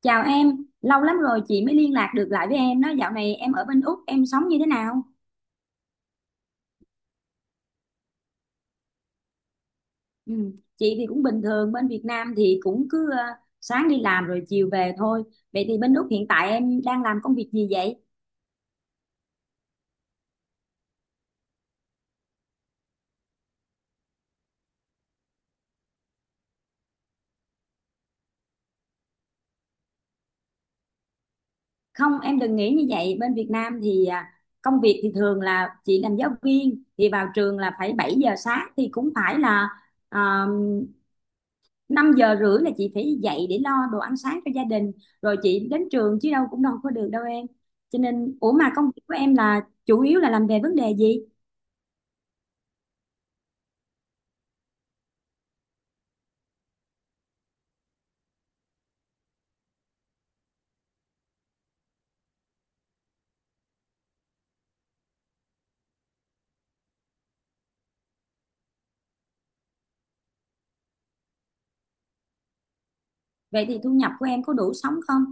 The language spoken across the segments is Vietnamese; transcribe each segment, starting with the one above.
Chào em, lâu lắm rồi chị mới liên lạc được lại với em. Đó dạo này em ở bên Úc, em sống như thế nào? Ừ. Chị thì cũng bình thường, bên Việt Nam thì cũng cứ sáng đi làm rồi chiều về thôi. Vậy thì bên Úc hiện tại em đang làm công việc gì vậy? Không, em đừng nghĩ như vậy. Bên Việt Nam thì công việc thì thường là chị làm giáo viên thì vào trường là phải 7 giờ sáng, thì cũng phải là 5 giờ rưỡi là chị phải dậy để lo đồ ăn sáng cho gia đình, rồi chị đến trường chứ đâu cũng đâu có được đâu em. Cho nên ủa mà công việc của em là chủ yếu là làm về vấn đề gì? Vậy thì thu nhập của em có đủ sống không?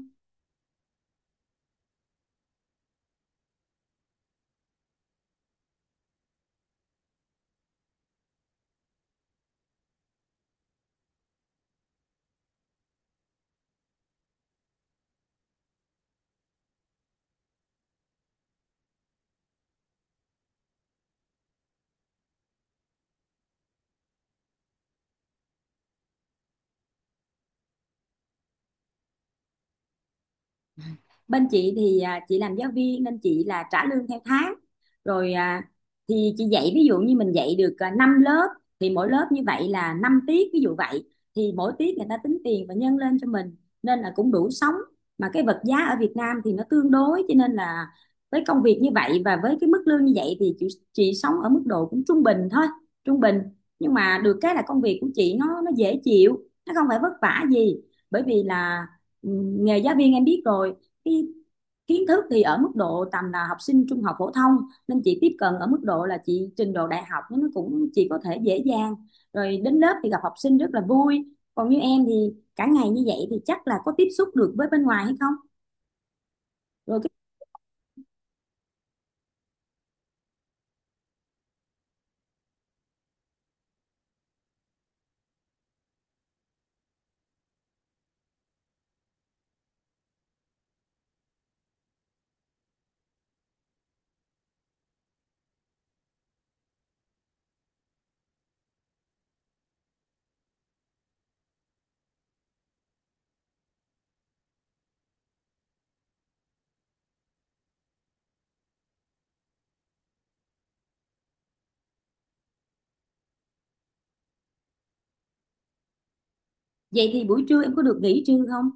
Bên chị thì chị làm giáo viên nên chị là trả lương theo tháng, rồi à, thì chị dạy ví dụ như mình dạy được 5 lớp, thì mỗi lớp như vậy là 5 tiết ví dụ vậy, thì mỗi tiết người ta tính tiền và nhân lên cho mình, nên là cũng đủ sống. Mà cái vật giá ở Việt Nam thì nó tương đối, cho nên là với công việc như vậy và với cái mức lương như vậy thì chị sống ở mức độ cũng trung bình thôi, trung bình. Nhưng mà được cái là công việc của chị nó dễ chịu, nó không phải vất vả gì. Bởi vì là ừ, nghề giáo viên em biết rồi, cái kiến thức thì ở mức độ tầm là học sinh trung học phổ thông, nên chị tiếp cận ở mức độ là chị trình độ đại học nó cũng chị có thể dễ dàng, rồi đến lớp thì gặp học sinh rất là vui. Còn như em thì cả ngày như vậy thì chắc là có tiếp xúc được với bên ngoài hay không? rồi cái, vậy thì buổi trưa em có được nghỉ trưa không?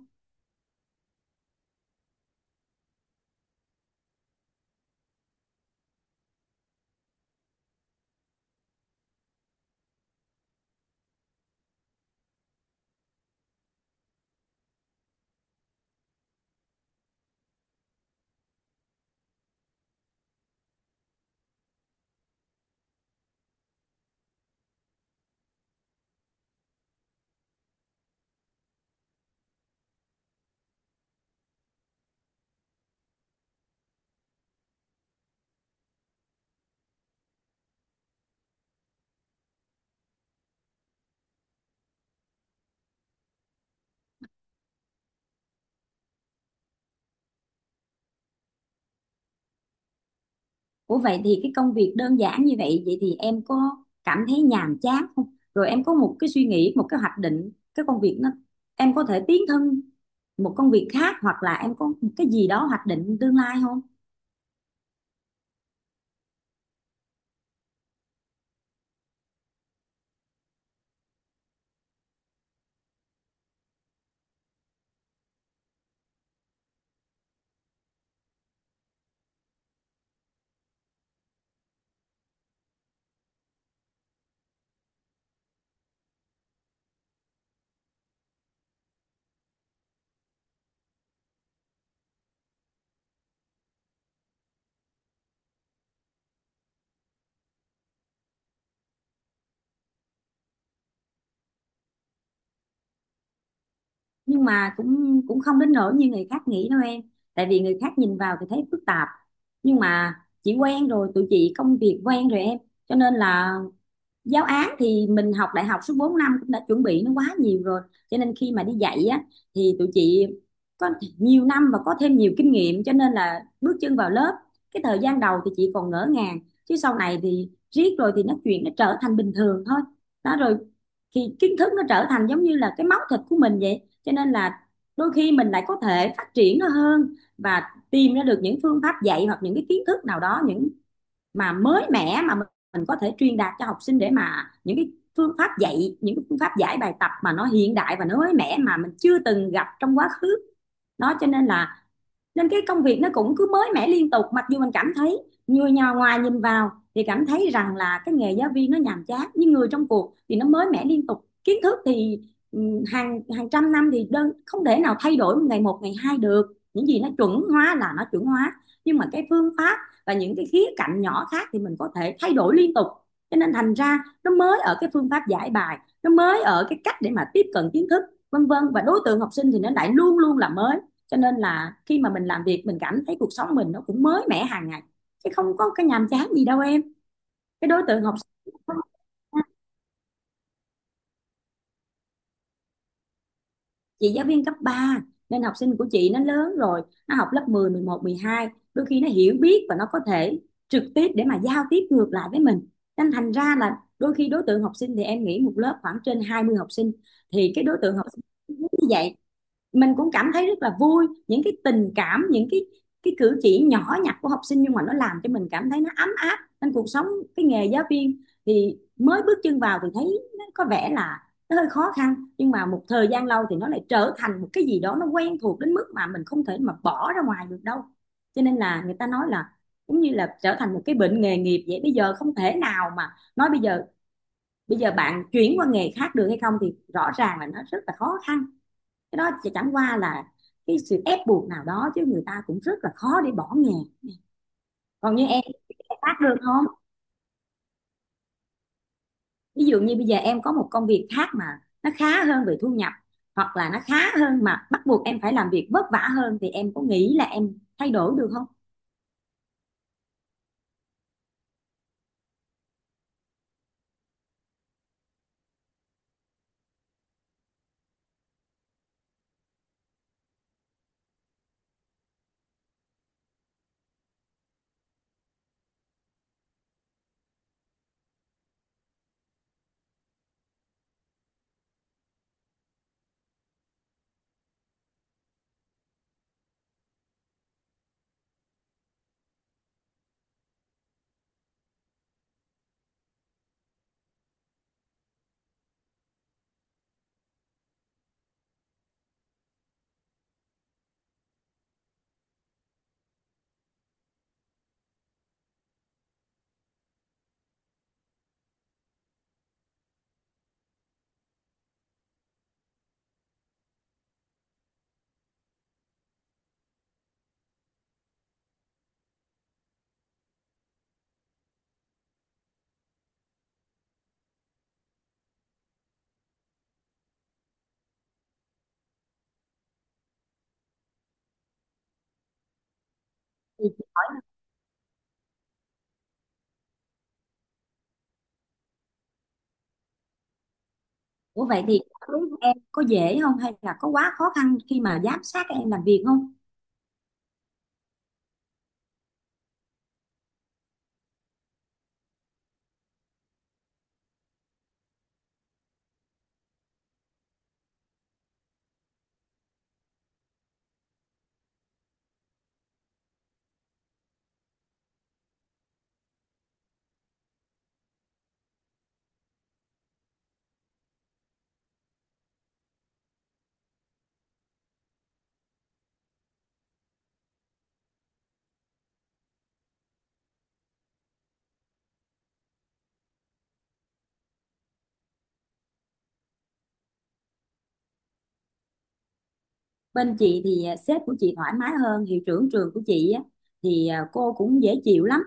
Ủa vậy thì cái công việc đơn giản như vậy, vậy thì em có cảm thấy nhàm chán không? Rồi em có một cái suy nghĩ, một cái hoạch định, cái công việc nó em có thể tiến thân một công việc khác, hoặc là em có một cái gì đó hoạch định tương lai không? Nhưng mà cũng cũng không đến nỗi như người khác nghĩ đâu em. Tại vì người khác nhìn vào thì thấy phức tạp. Nhưng mà chị quen rồi, tụi chị công việc quen rồi em. Cho nên là giáo án thì mình học đại học suốt 4 năm cũng đã chuẩn bị nó quá nhiều rồi, cho nên khi mà đi dạy á thì tụi chị có nhiều năm và có thêm nhiều kinh nghiệm, cho nên là bước chân vào lớp, cái thời gian đầu thì chị còn ngỡ ngàng, chứ sau này thì riết rồi thì nó chuyện nó trở thành bình thường thôi. Đó rồi thì kiến thức nó trở thành giống như là cái máu thịt của mình vậy, cho nên là đôi khi mình lại có thể phát triển nó hơn và tìm ra được những phương pháp dạy hoặc những cái kiến thức nào đó, những mà mới mẻ mà mình có thể truyền đạt cho học sinh, để mà những cái phương pháp dạy, những cái phương pháp giải bài tập mà nó hiện đại và nó mới mẻ mà mình chưa từng gặp trong quá khứ, nó cho nên là nên cái công việc nó cũng cứ mới mẻ liên tục. Mặc dù mình cảm thấy người nhà ngoài nhìn vào thì cảm thấy rằng là cái nghề giáo viên nó nhàm chán, nhưng người trong cuộc thì nó mới mẻ liên tục. Kiến thức thì ừ, hàng hàng trăm năm thì đơn không thể nào thay đổi ngày một ngày hai được, những gì nó chuẩn hóa là nó chuẩn hóa, nhưng mà cái phương pháp và những cái khía cạnh nhỏ khác thì mình có thể thay đổi liên tục. Cho nên thành ra nó mới ở cái phương pháp giải bài, nó mới ở cái cách để mà tiếp cận kiến thức vân vân, và đối tượng học sinh thì nó lại luôn luôn là mới. Cho nên là khi mà mình làm việc mình cảm thấy cuộc sống mình nó cũng mới mẻ hàng ngày, chứ không có cái nhàm chán gì đâu em. Cái đối tượng học sinh, chị giáo viên cấp 3 nên học sinh của chị nó lớn rồi, nó học lớp 10, 11, 12 đôi khi nó hiểu biết và nó có thể trực tiếp để mà giao tiếp ngược lại với mình. Nên thành ra là đôi khi đối tượng học sinh thì em nghĩ một lớp khoảng trên 20 học sinh, thì cái đối tượng học sinh như vậy mình cũng cảm thấy rất là vui. Những cái tình cảm, những cái cử chỉ nhỏ nhặt của học sinh nhưng mà nó làm cho mình cảm thấy nó ấm áp, nên cuộc sống, cái nghề giáo viên thì mới bước chân vào thì thấy nó có vẻ là nó hơi khó khăn, nhưng mà một thời gian lâu thì nó lại trở thành một cái gì đó nó quen thuộc đến mức mà mình không thể mà bỏ ra ngoài được đâu. Cho nên là người ta nói là cũng như là trở thành một cái bệnh nghề nghiệp vậy, bây giờ không thể nào mà nói bây giờ bạn chuyển qua nghề khác được hay không, thì rõ ràng là nó rất là khó khăn. Cái đó chỉ chẳng qua là cái sự ép buộc nào đó, chứ người ta cũng rất là khó để bỏ nghề. Còn như em khác được không? Ví dụ như bây giờ em có một công việc khác mà nó khá hơn về thu nhập, hoặc là nó khá hơn mà bắt buộc em phải làm việc vất vả hơn, thì em có nghĩ là em thay đổi được không? Thì ủa vậy thì đối với em có dễ không, hay là có quá khó khăn khi mà giám sát các em làm việc không? Bên chị thì sếp của chị thoải mái, hơn hiệu trưởng trường của chị á, thì cô cũng dễ chịu lắm.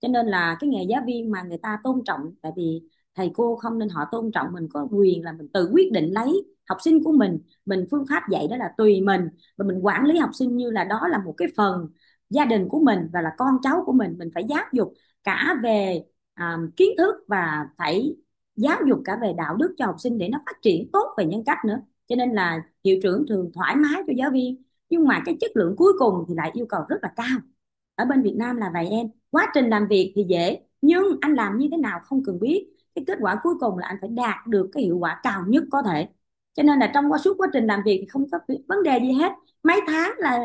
Cho nên là cái nghề giáo viên mà người ta tôn trọng, tại vì thầy cô không nên họ tôn trọng mình, có quyền là mình tự quyết định lấy học sinh của mình phương pháp dạy đó là tùy mình. Và mình quản lý học sinh như là đó là một cái phần gia đình của mình và là con cháu của mình phải giáo dục cả về kiến thức và phải giáo dục cả về đạo đức cho học sinh để nó phát triển tốt về nhân cách nữa. Cho nên là hiệu trưởng thường thoải mái cho giáo viên, nhưng mà cái chất lượng cuối cùng thì lại yêu cầu rất là cao. Ở bên Việt Nam là vậy em, quá trình làm việc thì dễ, nhưng anh làm như thế nào không cần biết, cái kết quả cuối cùng là anh phải đạt được cái hiệu quả cao nhất có thể. Cho nên là trong quá suốt quá trình làm việc thì không có vấn đề gì hết, mấy tháng là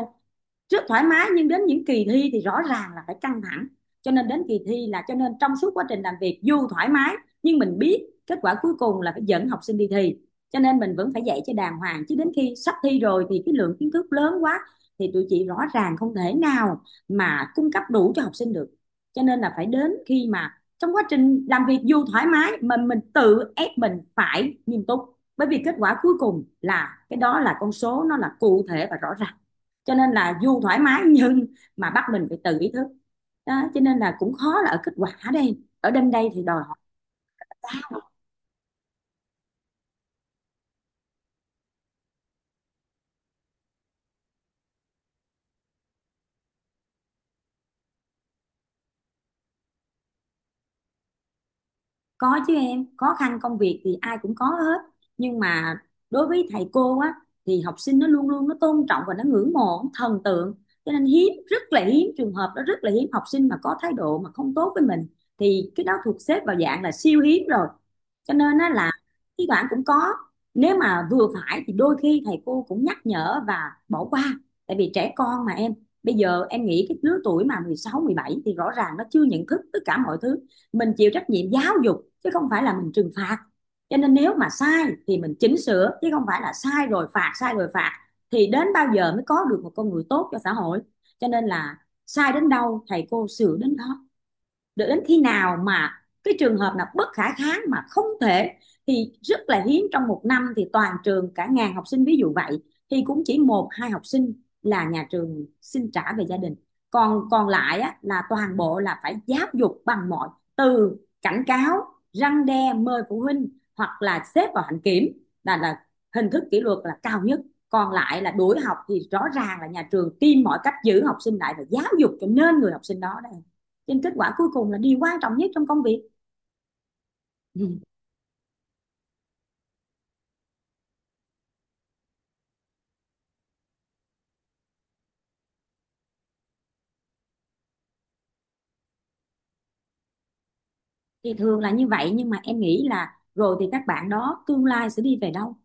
rất thoải mái, nhưng đến những kỳ thi thì rõ ràng là phải căng thẳng. Cho nên đến kỳ thi là, cho nên trong suốt quá trình làm việc dù thoải mái nhưng mình biết kết quả cuối cùng là phải dẫn học sinh đi thi, cho nên mình vẫn phải dạy cho đàng hoàng. Chứ đến khi sắp thi rồi thì cái lượng kiến thức lớn quá, thì tụi chị rõ ràng không thể nào mà cung cấp đủ cho học sinh được. Cho nên là phải đến khi mà trong quá trình làm việc dù thoải mái mình tự ép mình phải nghiêm túc, bởi vì kết quả cuối cùng là cái đó là con số nó là cụ thể và rõ ràng. Cho nên là dù thoải mái nhưng mà bắt mình phải tự ý thức. Đó cho nên là cũng khó là ở kết quả, đây ở đêm đây thì đòi. Có chứ em, khó khăn công việc thì ai cũng có hết. Nhưng mà đối với thầy cô á thì học sinh nó luôn luôn nó tôn trọng và nó ngưỡng mộ, nó thần tượng. Cho nên hiếm, rất là hiếm trường hợp đó, rất là hiếm học sinh mà có thái độ mà không tốt với mình, thì cái đó thuộc xếp vào dạng là siêu hiếm rồi. Cho nên á là thi thoảng cũng có. Nếu mà vừa phải thì đôi khi thầy cô cũng nhắc nhở và bỏ qua. Tại vì trẻ con mà em, bây giờ em nghĩ cái lứa tuổi mà 16 17 thì rõ ràng nó chưa nhận thức tất cả mọi thứ. Mình chịu trách nhiệm giáo dục chứ không phải là mình trừng phạt, cho nên nếu mà sai thì mình chỉnh sửa chứ không phải là sai rồi phạt, sai rồi phạt thì đến bao giờ mới có được một con người tốt cho xã hội. Cho nên là sai đến đâu thầy cô sửa đến đó, để đến khi nào mà cái trường hợp nào bất khả kháng mà không thể, thì rất là hiếm. Trong một năm thì toàn trường cả ngàn học sinh ví dụ vậy thì cũng chỉ một hai học sinh là nhà trường xin trả về gia đình. Còn còn lại á, là toàn bộ là phải giáo dục bằng mọi, từ cảnh cáo, răn đe, mời phụ huynh, hoặc là xếp vào hạnh kiểm, là hình thức kỷ luật là cao nhất, còn lại là đuổi học, thì rõ ràng là nhà trường tìm mọi cách giữ học sinh lại và giáo dục cho nên người học sinh đó đây. Cho nên kết quả cuối cùng là điều quan trọng nhất trong công việc. Thì thường là như vậy, nhưng mà em nghĩ là rồi thì các bạn đó tương lai sẽ đi về đâu,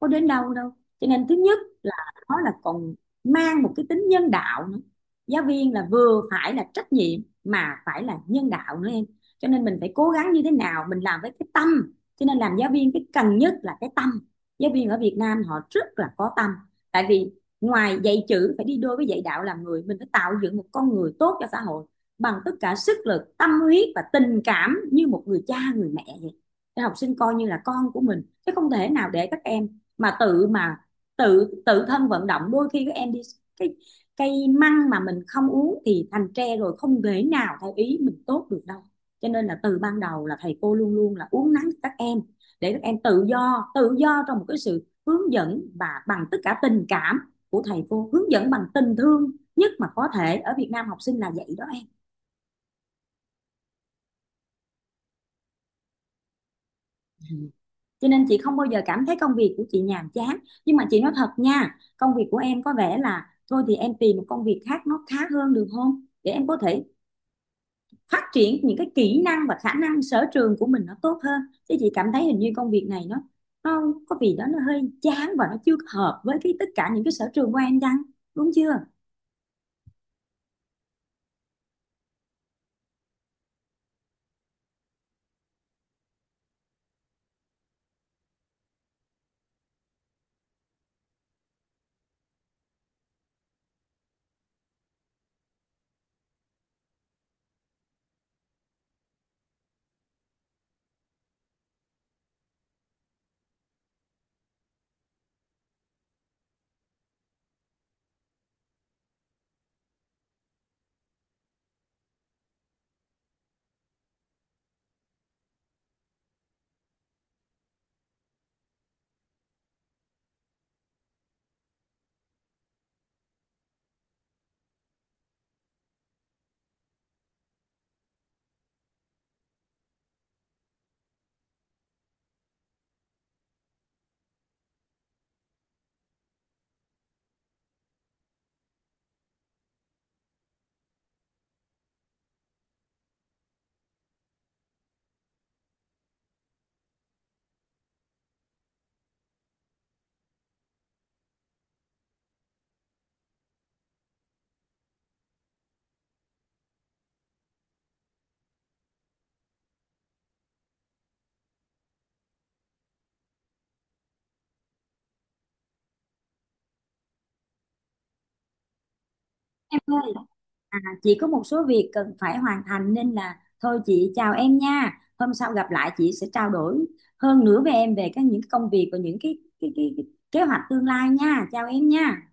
có đến đâu đâu. Cho nên thứ nhất là nó là còn mang một cái tính nhân đạo nữa. Giáo viên là vừa phải là trách nhiệm mà phải là nhân đạo nữa em. Cho nên mình phải cố gắng như thế nào mình làm với cái tâm, cho nên làm giáo viên cái cần nhất là cái tâm. Giáo viên ở Việt Nam họ rất là có tâm, tại vì ngoài dạy chữ phải đi đôi với dạy đạo làm người, mình phải tạo dựng một con người tốt cho xã hội bằng tất cả sức lực, tâm huyết và tình cảm như một người cha người mẹ vậy. Để học sinh coi như là con của mình chứ không thể nào để các em mà tự tự thân vận động. Đôi khi các em đi, cái cây măng mà mình không uống thì thành tre rồi, không thể nào theo ý mình tốt được đâu. Cho nên là từ ban đầu là thầy cô luôn luôn là uốn nắn các em, để các em tự do, tự do trong một cái sự hướng dẫn và bằng tất cả tình cảm của thầy cô, hướng dẫn bằng tình thương nhất mà có thể. Ở Việt Nam học sinh là vậy đó em. Cho nên chị không bao giờ cảm thấy công việc của chị nhàm chán. Nhưng mà chị nói thật nha, công việc của em có vẻ là thôi thì em tìm một công việc khác nó khá hơn được không, để em có thể phát triển những cái kỹ năng và khả năng sở trường của mình nó tốt hơn. Chứ chị cảm thấy hình như công việc này nó có gì đó nó hơi chán và nó chưa hợp với cái tất cả những cái sở trường của em chăng, đúng chưa? Em ơi, chị có một số việc cần phải hoàn thành nên là thôi chị chào em nha. Hôm sau gặp lại chị sẽ trao đổi hơn nữa với em về các những công việc và những cái kế hoạch tương lai nha. Chào em nha.